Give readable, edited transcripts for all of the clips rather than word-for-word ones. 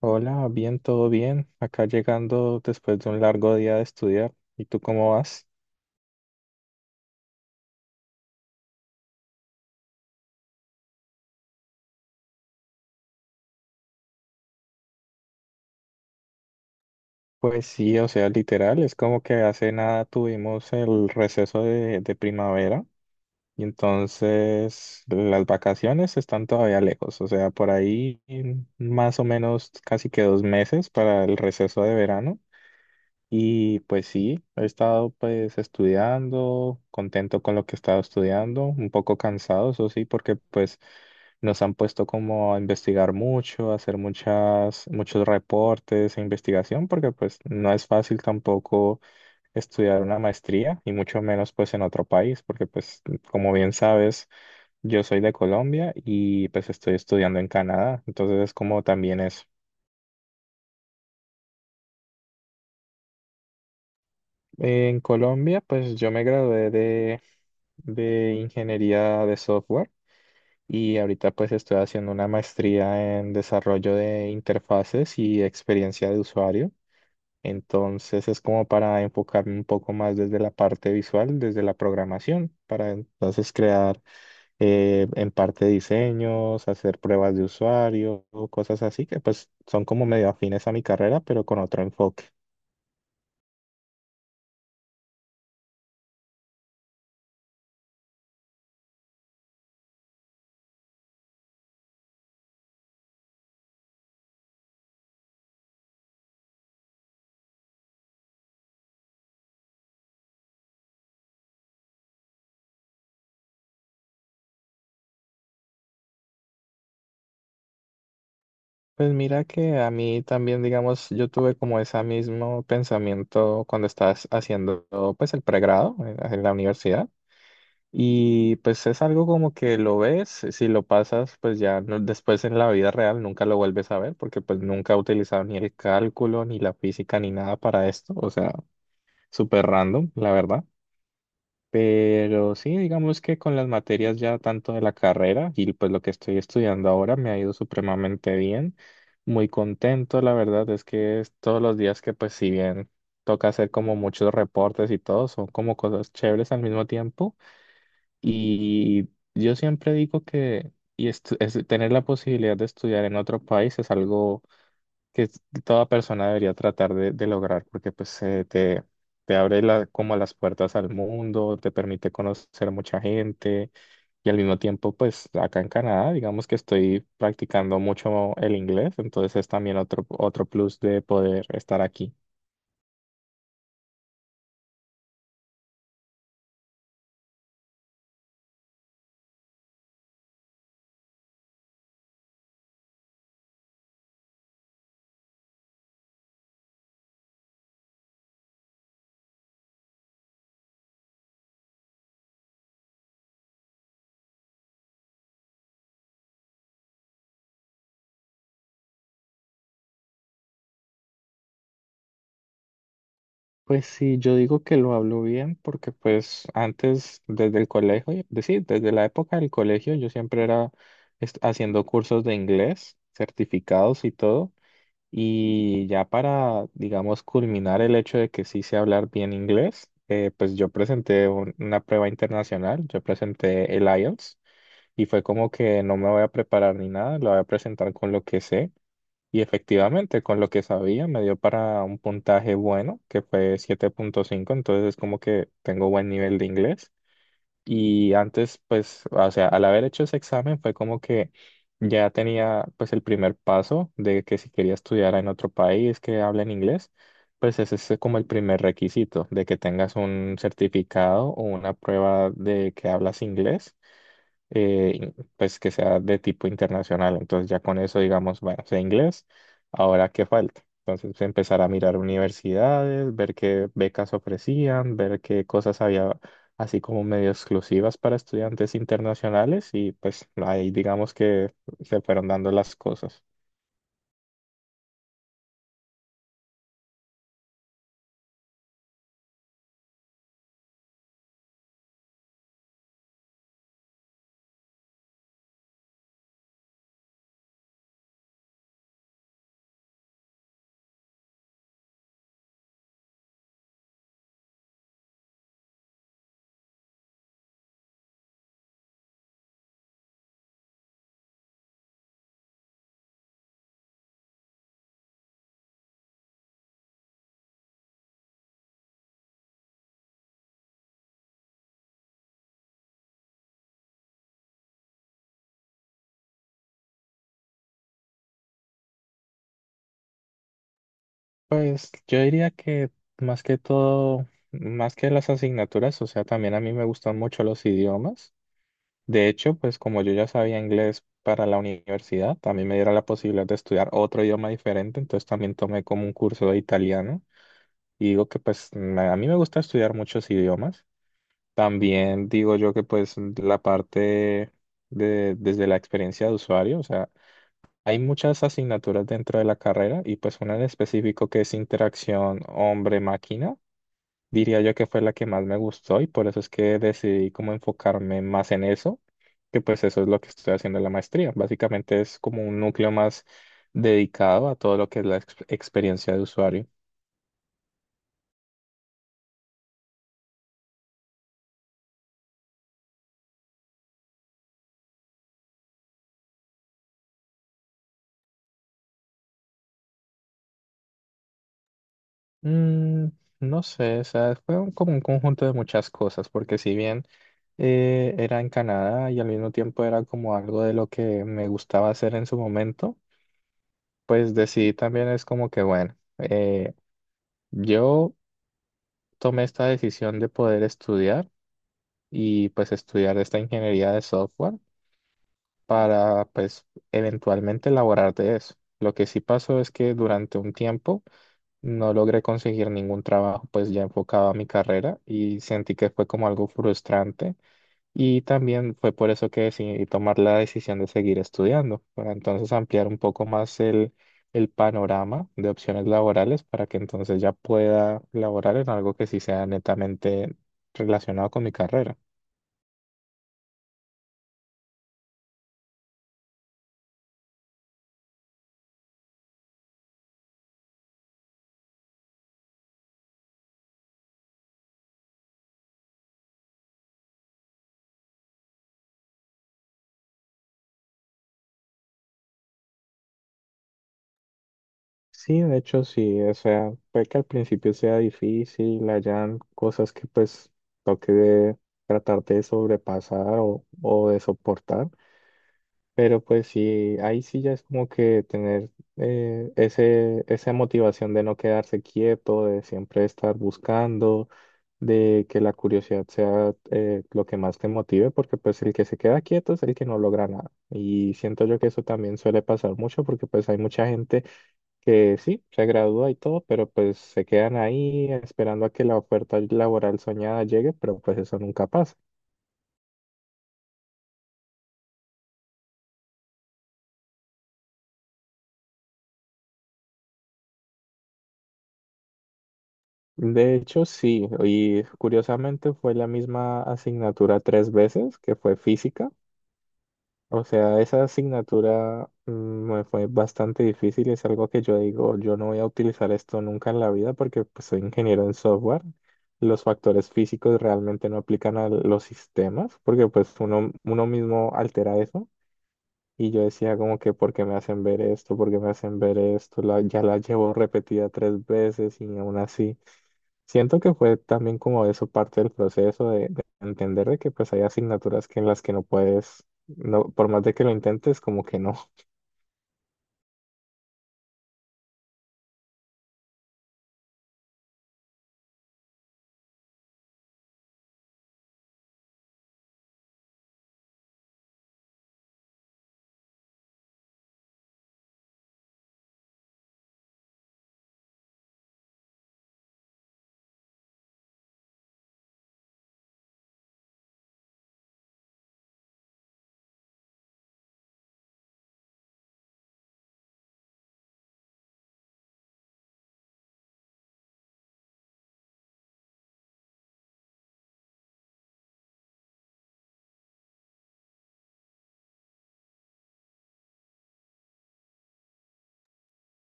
Hola, bien, todo bien. Acá llegando después de un largo día de estudiar. ¿Y tú cómo vas? Pues sí, o sea, literal, es como que hace nada tuvimos el receso de primavera y entonces las vacaciones están todavía lejos, o sea, por ahí más o menos casi que 2 meses para el receso de verano. Y pues sí, he estado pues estudiando, contento con lo que he estado estudiando, un poco cansado, eso sí, porque pues nos han puesto como a investigar mucho, a hacer muchos reportes e investigación, porque pues no es fácil tampoco estudiar una maestría y mucho menos pues en otro país, porque pues como bien sabes, yo soy de Colombia y pues estoy estudiando en Canadá, entonces es como también es. En Colombia, pues yo me gradué de ingeniería de software y ahorita pues estoy haciendo una maestría en desarrollo de interfaces y experiencia de usuario. Entonces es como para enfocarme un poco más desde la parte visual, desde la programación, para entonces crear en parte diseños, hacer pruebas de usuario, cosas así que pues son como medio afines a mi carrera, pero con otro enfoque. Pues mira que a mí también, digamos, yo tuve como ese mismo pensamiento cuando estás haciendo pues el pregrado en la universidad y pues es algo como que lo ves, si lo pasas pues después en la vida real nunca lo vuelves a ver porque pues nunca he utilizado ni el cálculo, ni la física, ni nada para esto, o sea, súper random, la verdad. Pero sí, digamos que con las materias ya tanto de la carrera y pues lo que estoy estudiando ahora me ha ido supremamente bien. Muy contento, la verdad es que es todos los días que pues si bien toca hacer como muchos reportes y todo, son como cosas chéveres al mismo tiempo. Y yo siempre digo que tener la posibilidad de estudiar en otro país es algo que toda persona debería tratar de lograr, porque pues te abre como las puertas al mundo, te permite conocer mucha gente y al mismo tiempo pues acá en Canadá digamos que estoy practicando mucho el inglés, entonces es también otro plus de poder estar aquí. Pues sí, yo digo que lo hablo bien porque pues antes desde el colegio, es decir, desde la época del colegio yo siempre era haciendo cursos de inglés, certificados y todo. Y ya para, digamos, culminar el hecho de que sí sé hablar bien inglés, pues yo presenté una prueba internacional, yo presenté el IELTS y fue como que no me voy a preparar ni nada, lo voy a presentar con lo que sé. Y efectivamente, con lo que sabía, me dio para un puntaje bueno, que fue 7,5 entonces es como que tengo buen nivel de inglés. Y antes, pues, o sea, al haber hecho ese examen fue como que ya tenía pues el primer paso de que si quería estudiar en otro país que hable en inglés, pues ese es como el primer requisito de que tengas un certificado o una prueba de que hablas inglés eh, pues que sea de tipo internacional. Entonces ya con eso, digamos, bueno, sé inglés, ahora qué falta. Entonces pues, empezar a mirar universidades, ver qué becas ofrecían, ver qué cosas había así como medio exclusivas para estudiantes internacionales y pues ahí digamos que se fueron dando las cosas. Pues yo diría que más que todo, más que las asignaturas, o sea, también a mí me gustan mucho los idiomas. De hecho, pues como yo ya sabía inglés para la universidad, también me dieron la posibilidad de estudiar otro idioma diferente, entonces también tomé como un curso de italiano y digo que pues a mí me gusta estudiar muchos idiomas. También digo yo que pues la parte de desde la experiencia de usuario, o sea, hay muchas asignaturas dentro de la carrera y pues una en específico que es interacción hombre-máquina diría yo que fue la que más me gustó y por eso es que decidí como enfocarme más en eso, que pues eso es lo que estoy haciendo en la maestría. Básicamente es como un núcleo más dedicado a todo lo que es la experiencia de usuario. Mm, no sé, o sea, fue como un conjunto de muchas cosas, porque si bien era en Canadá y al mismo tiempo era como algo de lo que me gustaba hacer en su momento, pues decidí también es como que, bueno, yo tomé esta decisión de poder estudiar. Y pues estudiar esta ingeniería de software para pues eventualmente elaborar de eso. Lo que sí pasó es que durante un tiempo no logré conseguir ningún trabajo pues ya enfocado a mi carrera y sentí que fue como algo frustrante y también fue por eso que decidí tomar la decisión de seguir estudiando para entonces ampliar un poco más el panorama de opciones laborales para que entonces ya pueda laborar en algo que sí sea netamente relacionado con mi carrera. Sí, de hecho sí, o sea, puede que al principio sea difícil, hayan cosas que pues toque de tratar de sobrepasar o de soportar, pero pues sí, ahí sí ya es como que tener esa motivación de no quedarse quieto, de siempre estar buscando, de que la curiosidad sea lo que más te motive, porque pues el que se queda quieto es el que no logra nada. Y siento yo que eso también suele pasar mucho porque pues hay mucha gente que sí, se gradúa y todo, pero pues se quedan ahí esperando a que la oferta laboral soñada llegue, pero pues eso nunca pasa. De hecho, sí, y curiosamente fue la misma asignatura tres veces, que fue física. O sea, esa asignatura me fue bastante difícil, es algo que yo digo, yo no voy a utilizar esto nunca en la vida porque pues, soy ingeniero en software. Los factores físicos realmente no aplican a los sistemas porque pues uno mismo altera eso. Y yo decía como que, ¿por qué me hacen ver esto? ¿Por qué me hacen ver esto? La- ya la llevo repetida tres veces y aún así. Siento que fue también como eso parte del proceso de entender de que pues hay asignaturas que en las que no puedes, no, por más de que lo intentes, como que no.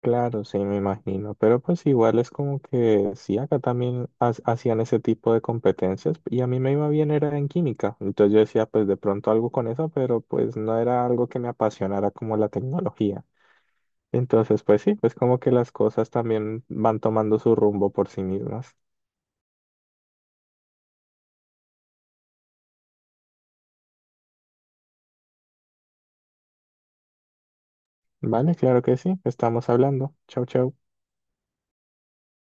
Claro, sí, me imagino. Pero pues igual es como que sí, acá también hacían ese tipo de competencias y a mí me iba bien era en química. Entonces yo decía, pues de pronto algo con eso, pero pues no era algo que me apasionara como la tecnología. Entonces, pues sí, pues como que las cosas también van tomando su rumbo por sí mismas. Vale, claro que sí, estamos hablando. Chau, chau.